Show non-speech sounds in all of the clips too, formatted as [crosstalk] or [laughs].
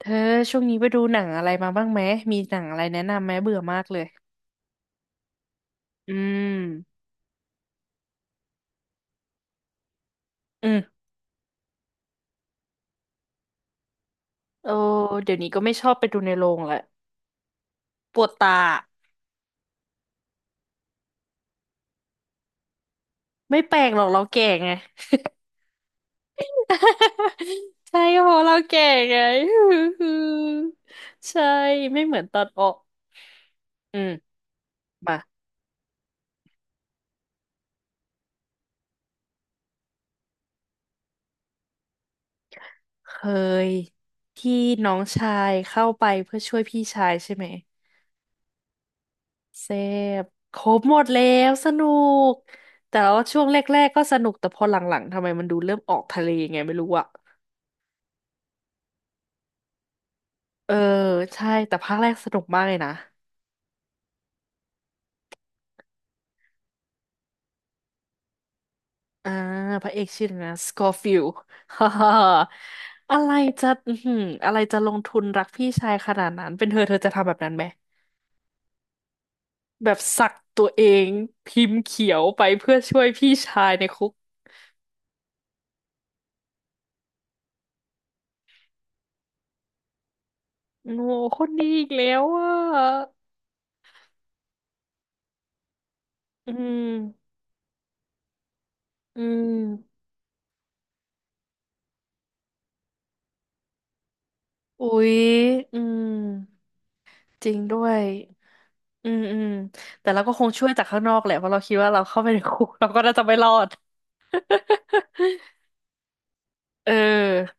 เธอช่วงนี้ไปดูหนังอะไรมาบ้างไหมมีหนังอะไรแนะนำไหมเบื่อมากเลยอืมอืมโอ้เดี๋ยวนี้ก็ไม่ชอบไปดูในโรงละปวดตาไม่แปลกหรอกเราแก่ไง [laughs] ใช่ก็เพราะเราแก่ไง [laughs] ใช่ไม่เหมือนตอนออกอืมมาเคยที่น้องชายเข้าไปเพื่อช่วยพี่ชายใช่ไหม เซฟครบหมดแล้วสนุกแต่ว่าช่วงแรกๆก็สนุกแต่พอหลังๆทำไมมันดูเริ่มออกทะเลไงไม่รู้อะเออใช่แต่ภาคแรกสนุกมากเลยนะอ่าพระเอกชื่ออะไรนะสกอร์ [laughs] ฟิล [laughs] ฮ่าฮ่าอะไรจะอือหืออะไรจะลงทุนรักพี่ชายขนาดนั้นเป็นเธอจะทำแบบนั้นไหมแบบสักตัวเองพิมพ์เขียวไปเพื่อช่วยพี่ชายในคุกโอ้โหคนนี้อีกแล้วอ่ะอืมอืม อุ๊ยอืมจริงด้วยอืมอืมแต่เราก็คงช่วยจากข้างนอกแหละเพราะเราคิดว่าเราเข้าไปในคุก [laughs] เราก็น่าจะไม่รอด [laughs] เออ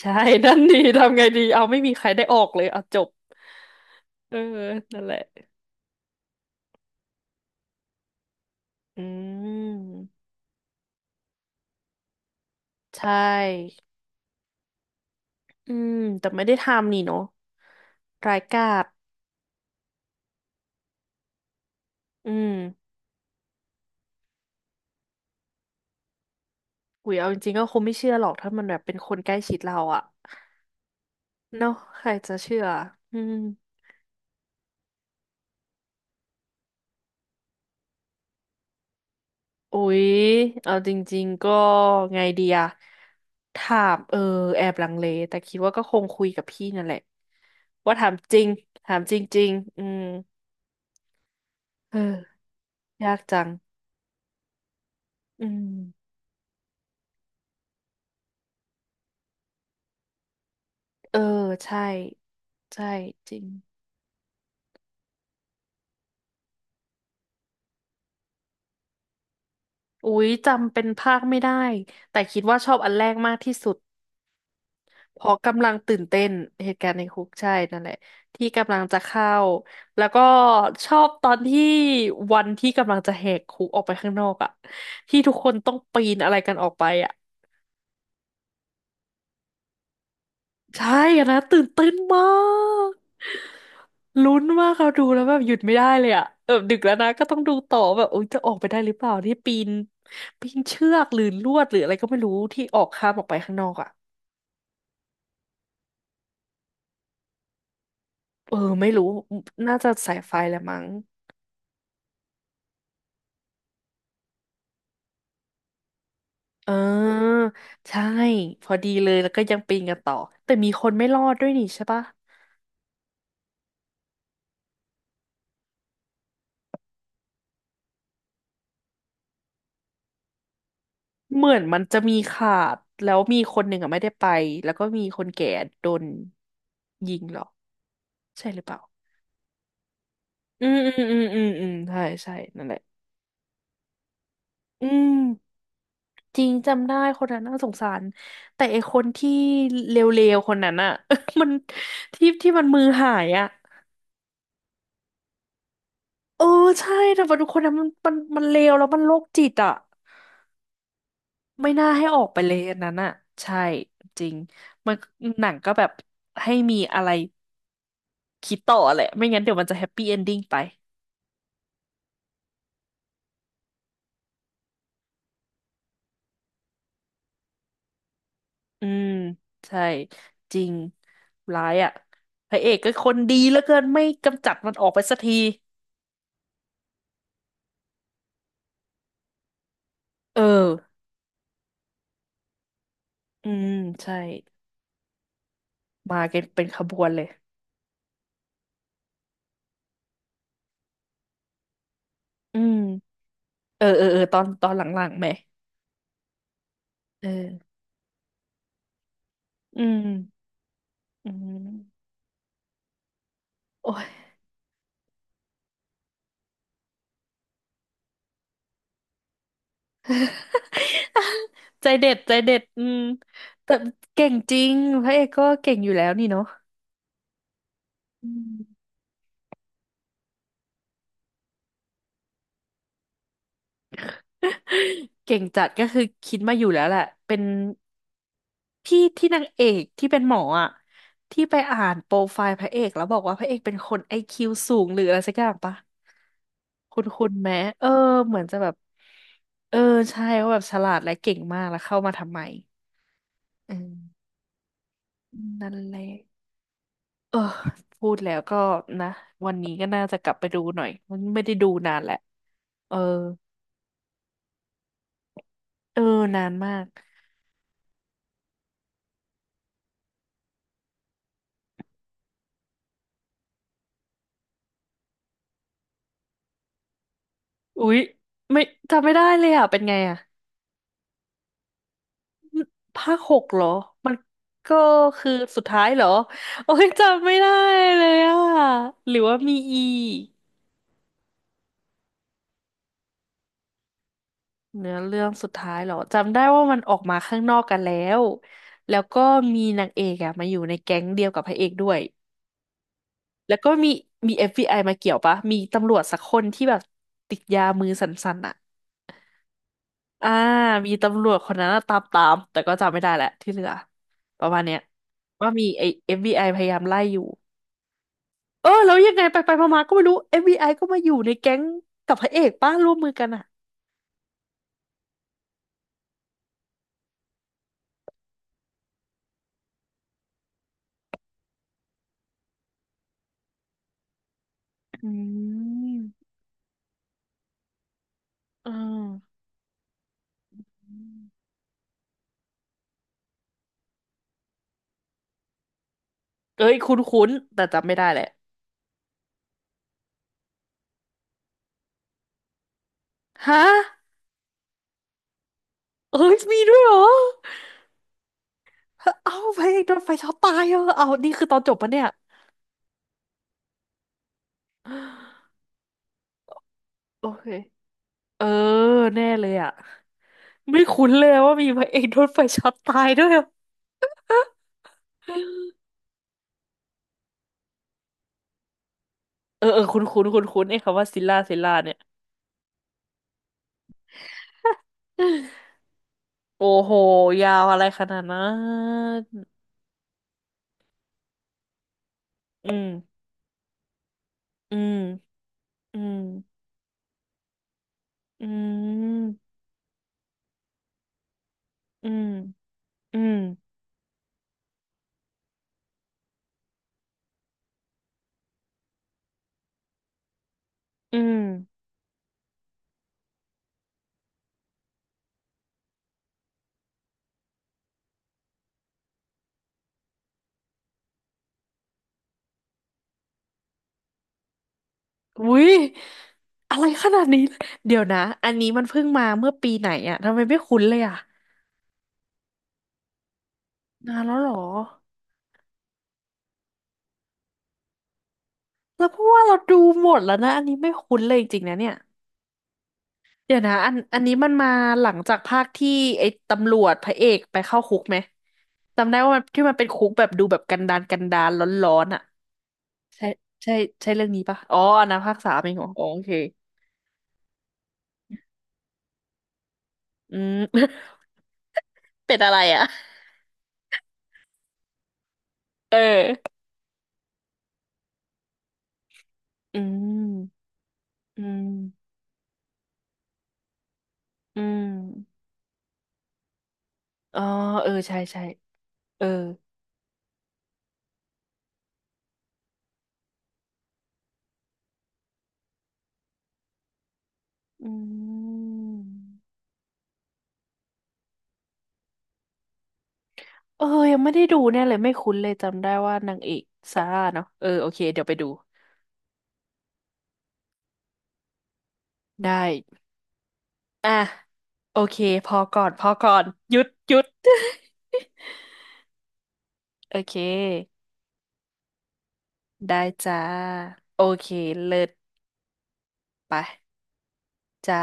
ใช่นั่นดี [laughs] ทำไงดีเอาไม่มีใครได้ออกเลยเอาจบเออนั่นแหละอืมใช่อืมแต่ไม่ได้ทำนี่เนาะร้ายกาจอืมอุ๋ยเอาจริงๆก็คงไม่เชื่อหรอกถ้ามันแบบเป็นคนใกล้ชิดเราอะเนาะใครจะเชื่ออืม อุ๊ย เอาจริงๆก็ไงดีอะถามเออแอบลังเลแต่คิดว่าก็คงคุยกับพี่นั่นแหละว่าถามจริงถามจริงๆอืมเออยากจังอืมเออใช่ใช่จริงอุ๊ยจำเป็นภาคไม่ได้แต่คิดว่าชอบอันแรกมากที่สุด เพราะกำลังตื่นเต้นเหตุการณ์ในคุกใช่นั่นแหละที่กำลังจะเข้าแล้วก็ชอบตอนที่วันที่กำลังจะแหกคุกออกไปข้างนอกอะที่ทุกคนต้องปีนอะไรกันออกไปอะใช่อะนะตื่นเต้นมากลุ้นมากเราดูแล้วแบบหยุดไม่ได้เลยอะแบบดึกแล้วนะก็ต้องดูต่อแบบโอ๊ยจะออกไปได้หรือเปล่าที่ปีนปีนเชือกหรือลวดหรืออะไรก็ไม่รู้ที่ออกข้ามออกไปข้างนอกอะเออไม่รู้น่าจะสายไฟแหละมั้ง เออใช่พอดีเลยแล้วก็ยังปีนกันต่อแต่มีคนไม่รอดด้วยนี่ใช่ปะเหมือนมันจะมีขาดแล้วมีคนหนึ่งอะไม่ได้ไปแล้วก็มีคนแก่โดนยิงเหรอใช่หรือเปล่าอืมอืมอืมอืมอืมใช่ใช่นั่นแหละอืมจริงจำได้คนนั้นน่าสงสารแต่ไอคนที่เลวๆคนนั้นอะ [laughs] มันที่มันมือหายอะเออใช่แต่ว่าทุกคนนั้นมันเลวแล้วมันโรคจิตอะ ไม่น่าให้ออกไปเลยอันนั้นอ่ะใช่จริงมันหนังก็แบบให้มีอะไรคิดต่อแหละไม่งั้นเดี๋ยวมันจะแฮปปี้เอนดิ้งไปอืมใช่จริงร้ายอ่ะพระเอกก็คนดีเหลือเกินไม่กำจัดมันออกไปสักทีเอออืมใช่มากันเป็นขบวนเลยอืมเออเออเออตอนตอนหลังๆไหมเอออืมอืมโอ้ย [laughs] ใจเด็ดใจเด็ดอืมแต่เก่งจริงพระเอกก็เก่งอยู่แล้วนี่เนาะอืมเก่งจัดก็คือคิดมาอยู่แล้วแหละเป็นพี่ที่นางเอกที่เป็นหมออ่ะที่ไปอ่านโปรไฟล์พระเอกแล้วบอกว่าพระเอกเป็นคนไอคิวสูงหรืออะไรสักอย่างปะคุณแม้เออเหมือนจะแบบเออใช่ว่าแบบฉลาดและเก่งมากแล้วเข้ามาทำไมอืมนั่นแหละ เออพูดแล้วก็นะวันนี้ก็น่าจะกลับไปดูหน่อยมันไม่ได้ดูนานแหละเออเออนานมากอุ๊ยไม่จำไม่ได้เลยอ่ะเป็นไงอ่ะภาคหกเหรอมันก็คือสุดท้ายเหรอโอ้ยจำไม่ได้เลยอ่ะหรือว่ามีอีกเนื้อเรื่องสุดท้ายเหรอจำได้ว่ามันออกมาข้างนอกกันแล้วแล้วก็มีนางเอกอะมาอยู่ในแก๊งเดียวกับพระเอกด้วย แล้วก็มี f ไ i มาเกี่ยวปะ มีตำรวจสักคนที่แบบติดยามือสั่นๆอ่ะ อ่ามีตำรวจคนนั้นอะตามแต่ก็จำไม่ได้แหละที่เหลือประมาณเนี้ยว่ามีไอ้ f ไ i พยายามไล่อยู่เออแล้วยังไงไปไปมาๆก็ไม่รู้ f ไ i ก็มาอยู่ในแก๊งกับพระเอกป้าร่วมมือกันอ่ะอืมอืมเอ้ยคุ้นๆแต่จำไม่ได้แหละฮะเอ้ยมีด้วยเหรอเอ้าพระเอกโดนไฟช็อตตายเหรอเอานี่คือตอนจบปะเนี่ยโอเค เออแน่เลยอ่ะไม่คุ้นเลยว่ามีพระเอกโดนไฟช็อตตายด้วยอะเออเออคุ้นคุ้นคุ้นคุ้นไอ้คำว่าซิลล่าซิลล่าเนี่ยโอ้โหยาวอะไรขนาดนั้นอืมอืมอืมอืมอืมอืมอืมอุ้ยอะไรขนาดนี้เดี๋ยวนะอันนี้มันเพิ่งมาเมื่อปีไหนอะทำไมไม่คุ้นเลยอะนานแล้วเหรอแล้วเพราะว่าเราดูหมดแล้วนะอันนี้ไม่คุ้นเลยจริงๆนะเนี่ย เดี๋ยวนะอันนี้มันมาหลังจากภาคที่ไอ้ตำรวจพระเอกไปเข้าคุกไหมจำได้ว่ามันที่มันเป็นคุกแบบดูแบบกันดารกันดารร้อนๆอ่ะใช่ใช่ใช่เรื่องนี้ปะอ๋ออันนั้นภาคสามเองเหรออ๋อโอเคอืม [laughs] เป็นอะไรอ่ะเอออืมอืมอืมอ๋อเออใช่ใช่เอออืมเออยังไม่ได้ดูเนี่ยเลยไม่คุ้นเลยจำได้ว่านางเอกซาร่าเนาะเออโอเคเดี๋ยวไปดูได้ อ่ะโอเคพอก่อนพอก่อนหยุดหยุด [laughs] โอเคได้จ้าโอเคเลิศไปจ้า